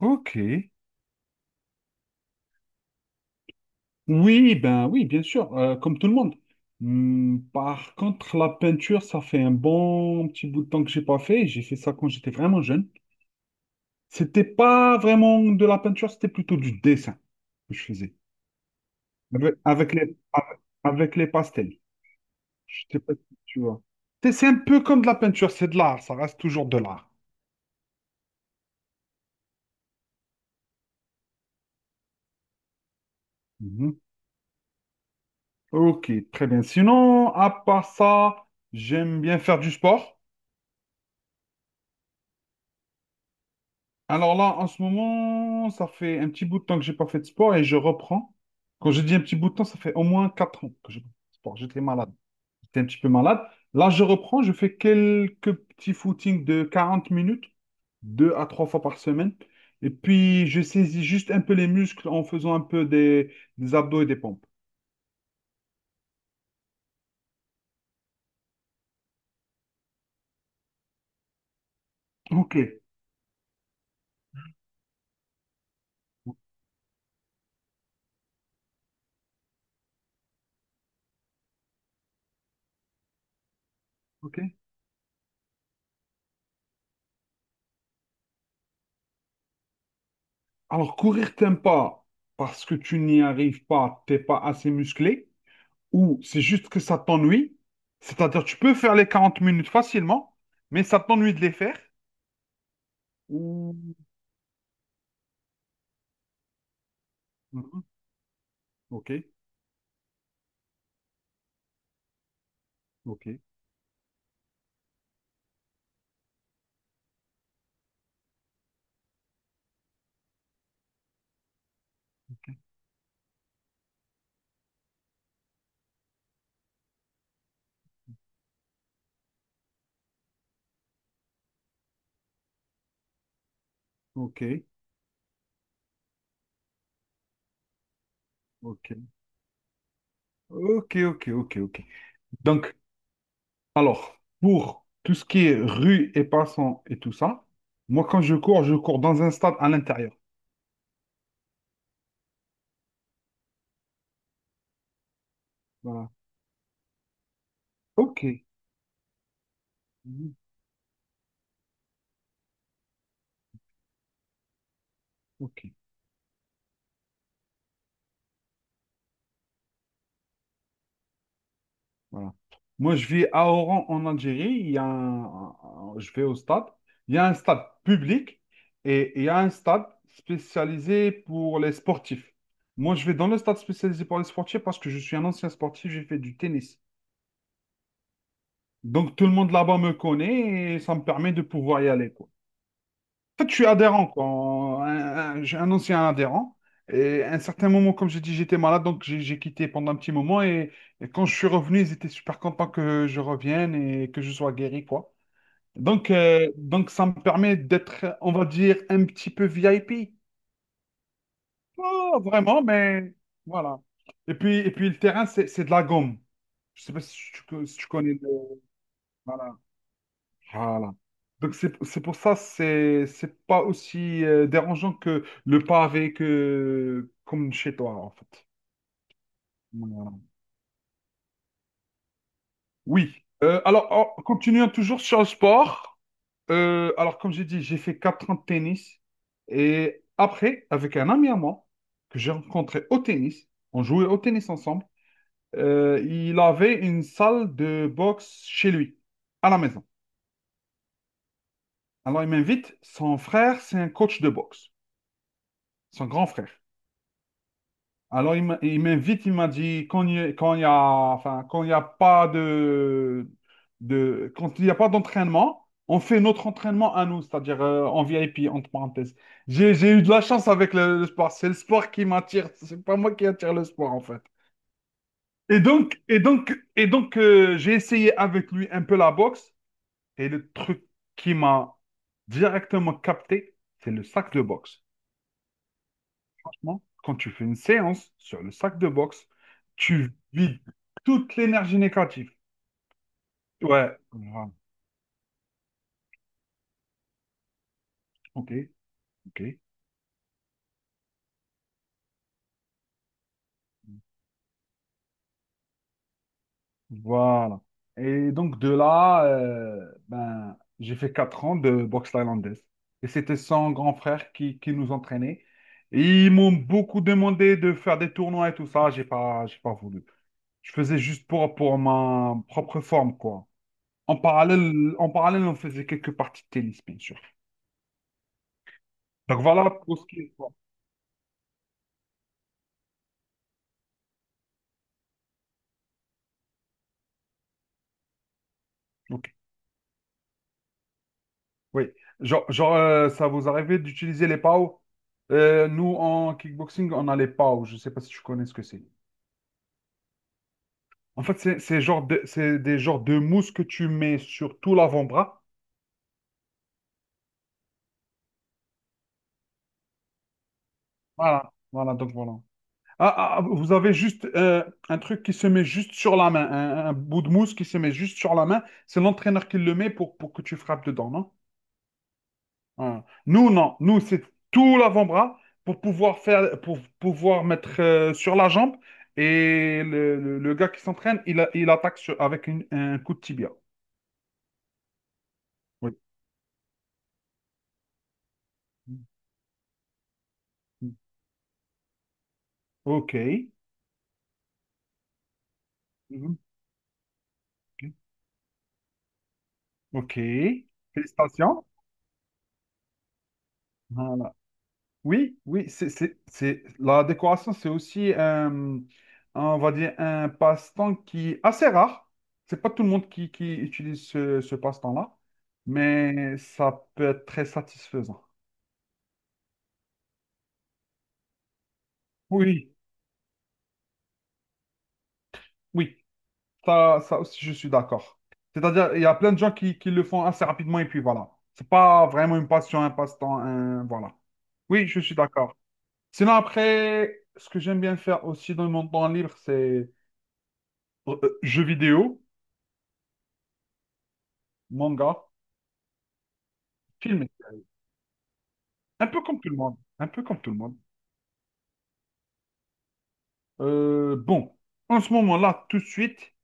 Ok. Oui, ben oui, bien sûr, comme tout le monde. Par contre, la peinture, ça fait un bon petit bout de temps que j'ai pas fait. J'ai fait ça quand j'étais vraiment jeune. C'était pas vraiment de la peinture, c'était plutôt du dessin que je faisais avec les pastels. Je sais pas si tu vois. C'est un peu comme de la peinture, c'est de l'art, ça reste toujours de l'art. Mhm. Ok, très bien. Sinon, à part ça, j'aime bien faire du sport. Alors là, en ce moment, ça fait un petit bout de temps que j'ai pas fait de sport et je reprends. Quand je dis un petit bout de temps, ça fait au moins 4 ans que j'ai pas fait de sport. J'étais malade. J'étais un petit peu malade. Là, je reprends. Je fais quelques petits footings de 40 minutes, 2 à 3 fois par semaine. Et puis, je saisis juste un peu les muscles en faisant un peu des abdos et des pompes. Ok, ok. Alors, courir, t'aimes pas parce que tu n'y arrives pas, t'es pas assez musclé, ou c'est juste que ça t'ennuie, c'est-à-dire tu peux faire les 40 minutes facilement, mais ça t'ennuie de les faire. Ou... Mhm. Ok, ok, ok, ok, ok, ok, ok, ok. Donc, alors, pour tout ce qui est rue et passants et tout ça, moi quand je cours dans un stade à l'intérieur. Voilà. Ok. Mhm. Ok. Voilà. Moi, je vis à Oran, en Algérie. Il y a je vais au stade. Il y a un stade public et il y a un stade spécialisé pour les sportifs. Moi, je vais dans le stade spécialisé pour les sportifs parce que je suis un ancien sportif, j'ai fait du tennis. Donc, tout le monde là-bas me connaît et ça me permet de pouvoir y aller, quoi. En fait, je suis adhérent, quoi. J'ai un ancien adhérent. Et à un certain moment, comme j'ai dit, j'étais malade, donc j'ai quitté pendant un petit moment. Et quand je suis revenu, ils étaient super contents que je revienne et que je sois guéri, quoi. Donc ça me permet d'être, on va dire, un petit peu VIP. Pas vraiment, mais voilà. Et puis le terrain, c'est de la gomme. Je sais pas si tu connais voilà. Voilà. Donc c'est pour ça, c'est pas aussi dérangeant que le pavé que comme chez toi en fait. Voilà. Oui. Alors, continuons toujours sur le sport. Alors, comme j'ai dit, j'ai fait 4 ans de tennis et après avec un ami à moi que j'ai rencontré au tennis, on jouait au tennis ensemble. Il avait une salle de boxe chez lui à la maison. Alors il m'invite. Son frère, c'est un coach de boxe, son grand frère. Alors, il m'invite, il m'a dit, quand il y a, quand il y a- enfin, quand il n'y a pas d'entraînement, on fait notre entraînement à nous, c'est-à-dire en VIP, entre parenthèses. J'ai eu de la chance avec le sport. C'est le sport qui m'attire. C'est pas moi qui attire le sport, en fait. Et donc, j'ai essayé avec lui un peu la boxe. Et le truc qui m'a directement capté, c'est le sac de boxe. Franchement, quand tu fais une séance sur le sac de boxe, tu vides toute l'énergie négative. Ouais, voilà. Ok, ok, voilà. Et donc de là, ben, j'ai fait 4 ans de boxe thaïlandaise. Et c'était son grand frère qui nous entraînait. Et ils m'ont beaucoup demandé de faire des tournois et tout ça. J'ai pas voulu. Je faisais juste pour ma propre forme, quoi. En parallèle, on faisait quelques parties de tennis, bien sûr. Donc voilà pour ce qui est. Oui, ça vous arrivait d'utiliser les PAO? Nous, en kickboxing, on a les PAO. Je ne sais pas si tu connais ce que c'est. En fait, c'est des genres de mousse que tu mets sur tout l'avant-bras. Voilà, voilà, donc voilà. Ah, ah, ah, vous avez juste un truc qui se met juste sur la main, un bout de mousse qui se met juste sur la main. C'est l'entraîneur qui le met pour que tu frappes dedans, non? Hein. Nous, non. Nous, c'est tout l'avant-bras pour pouvoir mettre sur la jambe. Et le gars qui s'entraîne, il attaque avec un coup de tibia. Oui. Ok. Mhm. Ok. Félicitations. Voilà. Oui, oui, la décoration, c'est aussi, on va dire, un passe-temps qui est assez rare. C'est pas tout le monde qui utilise ce passe-temps-là, mais ça peut être très satisfaisant. Oui, oui, ça aussi, je suis d'accord. C'est-à-dire, il y a plein de gens qui le font assez rapidement et puis voilà. C'est pas vraiment une passion, un passe-temps, voilà. Oui, je suis d'accord. Sinon, après, ce que j'aime bien faire aussi dans mon temps libre, c'est jeux vidéo, manga, films. Un peu comme tout le monde. Un peu comme tout le monde. Bon, en ce moment-là, tout de suite,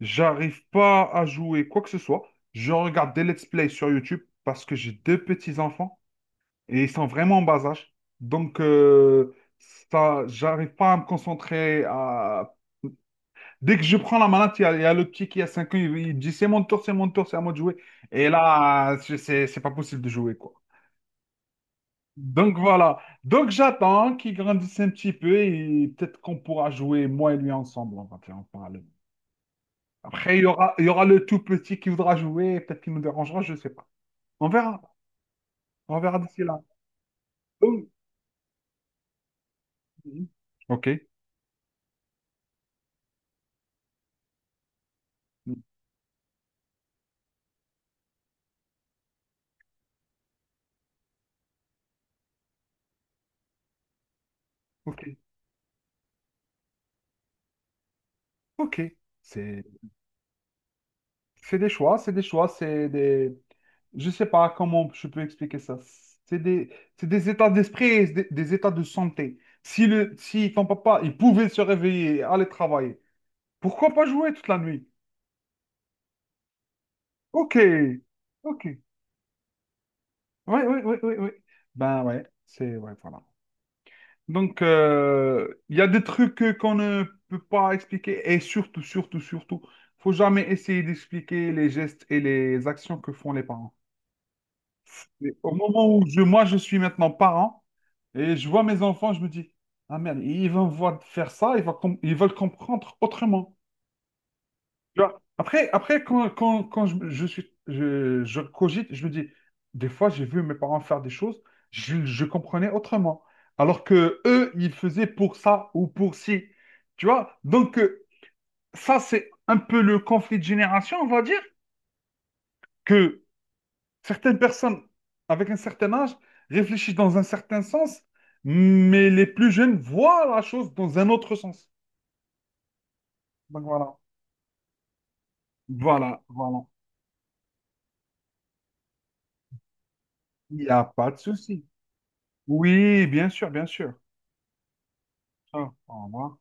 j'arrive pas à jouer quoi que ce soit. Je regarde des let's play sur YouTube parce que j'ai deux petits-enfants, et ils sont vraiment en bas âge. Donc, ça, j'arrive pas à me concentrer. Dès que je prends la manette, il y a le petit qui a 5 ans, il dit c'est mon tour, c'est mon tour, c'est à moi de jouer. Et là, c'est pas possible de jouer, quoi. Donc voilà. Donc j'attends qu'il grandisse un petit peu et peut-être qu'on pourra jouer, moi et lui ensemble, on va dire, en parallèle. Après, il y aura le tout petit qui voudra jouer, et peut-être qu'il nous dérangera, je ne sais pas. On verra. On verra d'ici là. Donc, Ok. Ok. Ok. C'est. C'est des choix, Je sais pas comment je peux expliquer ça. C'est des, c'est des états d'esprit, et des états de santé. Si ton papa, il pouvait se réveiller et aller travailler, pourquoi pas jouer toute la nuit? Ok, ok. Oui, oui, oui, oui, oui. Ben ouais, Ouais, voilà. Donc, il y a des trucs qu'on ne peut pas expliquer et surtout, surtout, surtout, faut jamais essayer d'expliquer les gestes et les actions que font les parents. Mais au moment où moi, je suis maintenant parent et je vois mes enfants, je me dis, ah merde, ils vont me voir faire ça, ils veulent comprendre autrement. Tu vois. Après, quand je cogite, je me dis, des fois, j'ai vu mes parents faire des choses, je comprenais autrement. Alors que eux, ils faisaient pour ça ou pour ci. Tu vois? Donc, ça, c'est un peu le conflit de génération, on va dire, que certaines personnes avec un certain âge réfléchissent dans un certain sens, mais les plus jeunes voient la chose dans un autre sens. Donc voilà, voilà, voilà. Il n'y a pas de souci. Oui, bien sûr, bien sûr. Ah, au revoir.